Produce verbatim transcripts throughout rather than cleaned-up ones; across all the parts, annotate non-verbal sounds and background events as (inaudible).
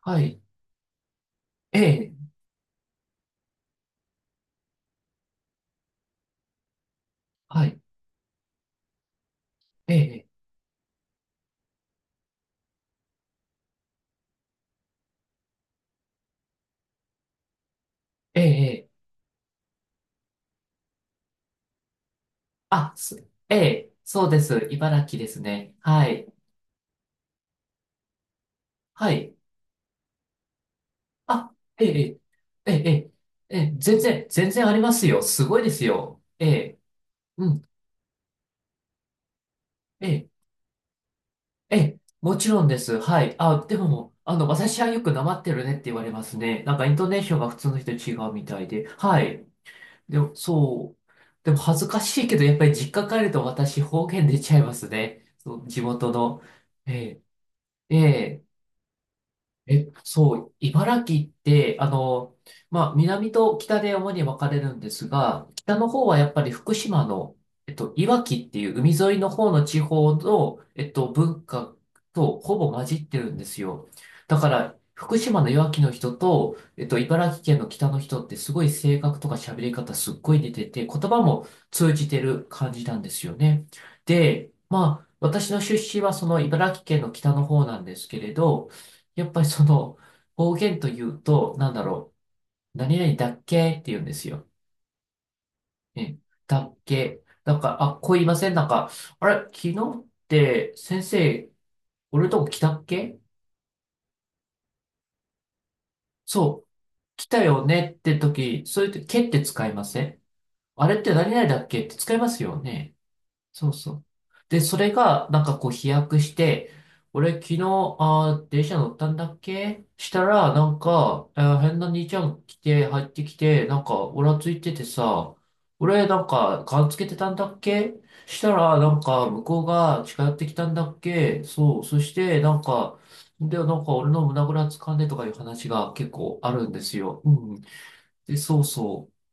はい。ええ、はい。ええ、ええ、ええあ、す、ええ、そうです。茨城ですね。はい。はい。あ、ええ、ええ、ええ、ええ全然、全然ありますよ。すごいですよ。ええ、うん、ええ、ええ、もちろんです。はい。あ、でも、あの、私はよくなまってるねって言われますね。なんか、イントネーションが普通の人と違うみたいで。はい。でも、そう。でも、恥ずかしいけど、やっぱり実家帰ると私、方言出ちゃいますね。そう、地元の。ええええ、え、そう、茨城って、あの、まあ、南と北で主に分かれるんですが、北の方はやっぱり福島の、えっと、いわきっていう海沿いの方の地方の、えっと、文化とほぼ混じってるんですよ。だから、福島のいわきの人と、えっと、茨城県の北の人ってすごい性格とか喋り方すっごい似てて、言葉も通じてる感じなんですよね。で、まあ、私の出身はその茨城県の北の方なんですけれど、やっぱりその方言というと、なんだろう。何々だっけって言うんですよ。え、だっけ。なんか、あ、こう言いません、なんか、あれ、昨日って先生、俺のとこ来たっけ、そう、来たよねって時、そういう時、けって使いません、あれって何々だっけって使いますよね。そうそう。で、それが、なんかこう飛躍して、俺昨日、あー、電車乗ったんだっけしたら、なんか、えー変な兄ちゃん来て、入ってきて、なんか、おらついててさ、俺なんか、ガンつけてたんだっけしたら、なんか、向こうが近寄ってきたんだっけ、そう、そして、なんか、で、なんか俺の胸ぐらつかんでとかいう話が結構あるんですよ。うん。で、そうそう。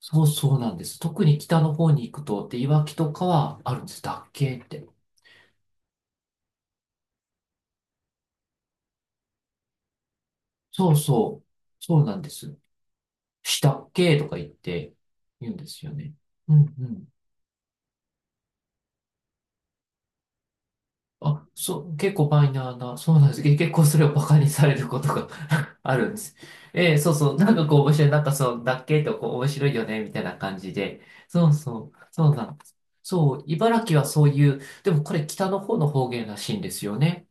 そうそうなんです。特に北の方に行くと、で、いわきとかはあるんです。だっけって。そうそう。そうなんです。したっけとか言って言うんですよね。うんうん。あ、そう、結構マイナーな、そうなんです。け結構それをバカにされることが (laughs) あるんです。ええ、そうそう。なんかこう面白い。なんかそう、だっけとこう面白いよね、みたいな感じで。そうそう。そうなんです。そう、茨城はそういう、でもこれ北の方の方言らしいんですよね。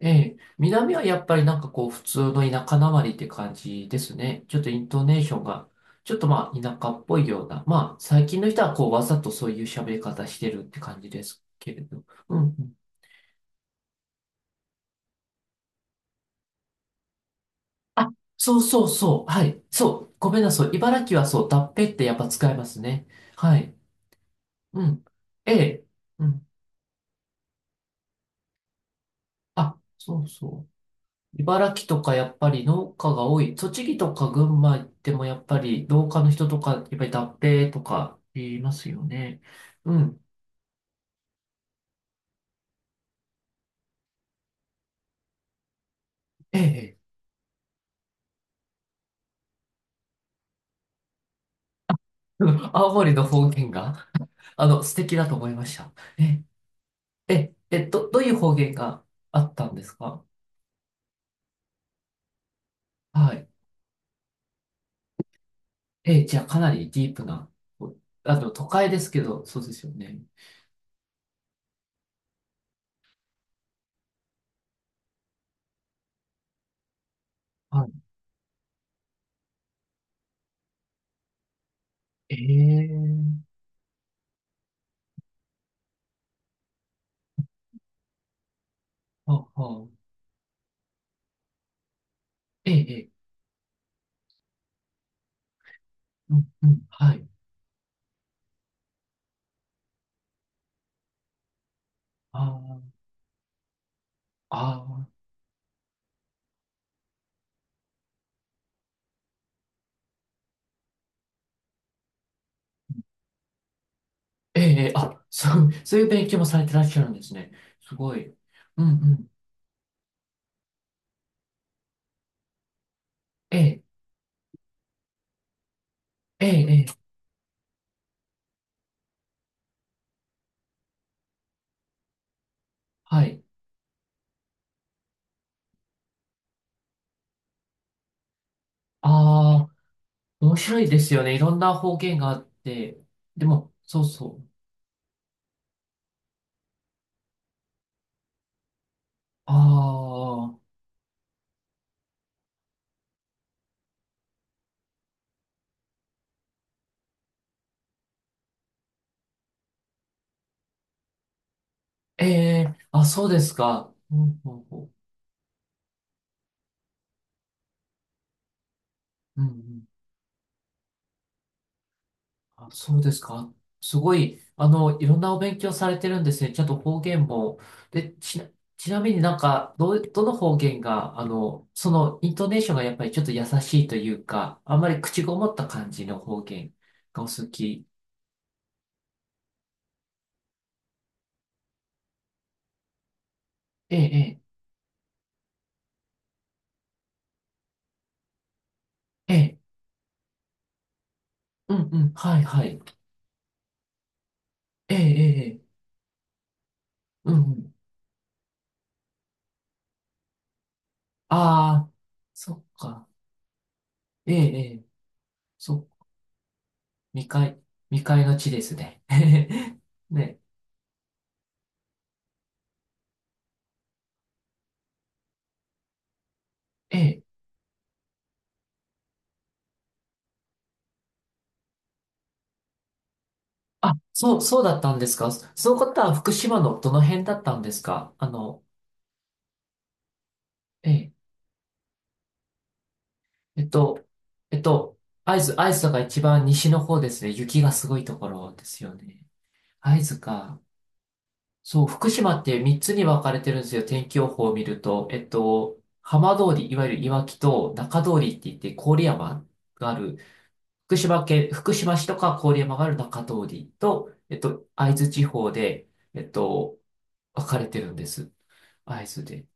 ええ、南はやっぱりなんかこう普通の田舎なまりって感じですね。ちょっとイントネーションが、ちょっとまあ田舎っぽいような、まあ最近の人はこうわざとそういう喋り方してるって感じですけれど。うんうん。あ、そうそうそう。はい。そう。ごめんなさい。茨城はそう、だっぺってやっぱ使いますね。はい。うん。ええ。うん。あ、そうそう。茨城とかやっぱり農家が多い。栃木とか群馬行ってもやっぱり農家の人とか、やっぱり脱皮とか言いますよね。うん。ええ。うん。 (laughs) 青森の方言が、あの、素敵だと思いました。ええ、ええ、えど、どういう方言があったんですか。はい。ええ、じゃあかなりディープな、あの、都会ですけど、そうですよね。はい。ええ、はあはええ、ええ、うん、うん、はい。ああ、ああ。ええ、ええ、あ、そう、そういう勉強もされてらっしゃるんですね。すごい。うんうん。ええ、ええ、ええ、はい。ああ、面白いですよね。いろんな方言があって。でも、そうそう。ああ、ええ、あ、そうですか。うん、うん、うん。うんうん、あ、そうですか。すごい、あの、いろんなお勉強されてるんですね。ちゃんと方言も。で、ちな、ちなみになんか、どう、どの方言が、あの、その、イントネーションがやっぱりちょっと優しいというか、あんまり口ごもった感じの方言がお好き。ええ、ええ、ええ、うんうん、はいはい。ええ、ええ、ええ、うんうん。ああ、そっか。ええ、ええ、そう、未開、未開の地ですね。(laughs) ね、ええ。あ、そう、そうだったんですか。その方は福島のどの辺だったんですか、あの、ええ、えっと、えっと、会津、会津が一番西の方ですね。雪がすごいところですよね。会津か。そう、福島ってみっつに分かれてるんですよ。天気予報を見ると。えっと、浜通り、いわゆるいわきと中通りって言って郡山がある、福島県、福島市とか郡山がある中通りと、えっと、会津地方で、えっと、分かれてるんです。会津で。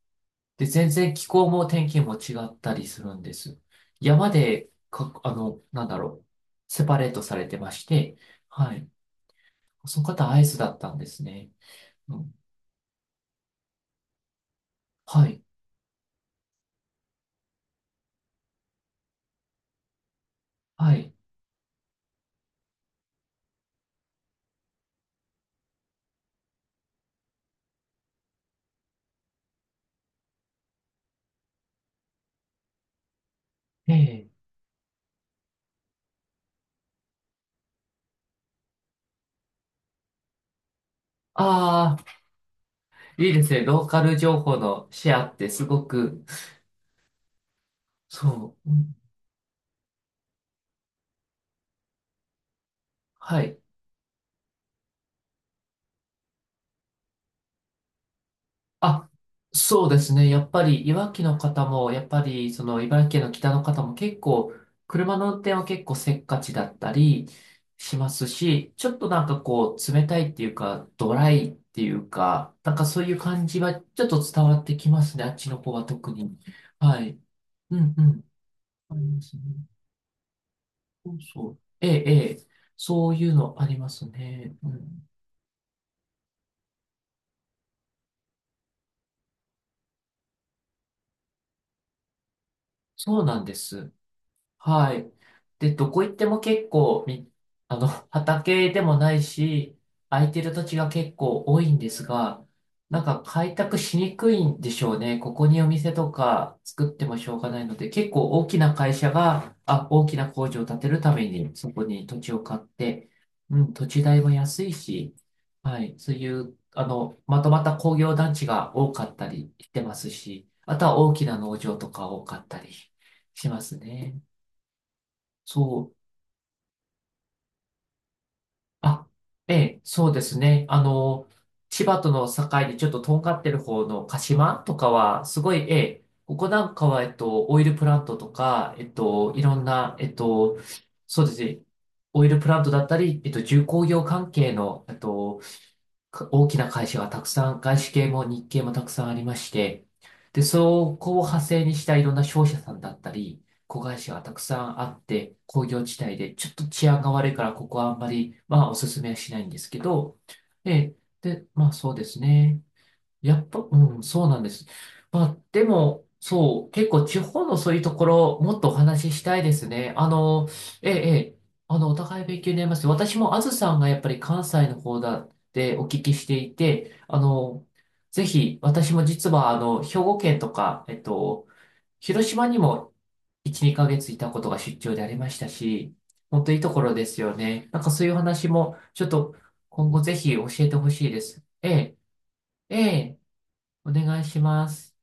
で、全然気候も天気も違ったりするんです。山で、か、あの、なんだろう、セパレートされてまして、はい。その方アイスだったんですね。うん。はい。はい。ええ。ああ、いいですね。ローカル情報のシェアってすごく、そう。うん、はい。あ、そうですね。やっぱり、いわきの方も、やっぱり、その、茨城県の北の方も結構、車の運転は結構せっかちだったりしますし、ちょっとなんかこう、冷たいっていうか、ドライっていうか、なんかそういう感じはちょっと伝わってきますね。あっちの方は特に。はい。うんうん。ありますね。そうそう。ええ、ええ。そういうのありますね。うん。そうなんです。はい。で、どこ行っても結構み、あの、(laughs) 畑でもないし、空いてる土地が結構多いんですが、なんか開拓しにくいんでしょうね。ここにお店とか作ってもしょうがないので、結構大きな会社が、あ、大きな工場を建てるためにそこに土地を買って、うん、土地代も安いし、はい、そういう、あの、まとまった工業団地が多かったりしてますし、あとは大きな農場とか多かったりしますね。そう。あ、ええ、そうですね。あの、千葉との境でちょっととんがってる方の鹿島とかは、すごい、ええ、ここなんかは、えっと、オイルプラントとか、えっと、いろんな、えっと、そうですね。オイルプラントだったり、えっと、重工業関係の、えっと、か大きな会社がたくさん、外資系も日系もたくさんありまして、で、そこを派生にしたいろんな商社さんだったり、子会社がたくさんあって、工業地帯で、ちょっと治安が悪いから、ここはあんまり、まあ、おすすめはしないんですけど、ええ、で、まあ、そうですね。やっぱ、うん、そうなんです。まあ、でも、そう、結構地方のそういうところ、もっとお話ししたいですね。あの、ええ、ええ、あの、お互い勉強になります。私もあずさんがやっぱり関西の方だってお聞きしていて、あの、ぜひ、私も実は、あの、兵庫県とか、えっと、広島にもいち、にかげついたことが出張でありましたし、本当いいところですよね。なんかそういう話も、ちょっと今後ぜひ教えてほしいです。ええ、ええ。お願いします。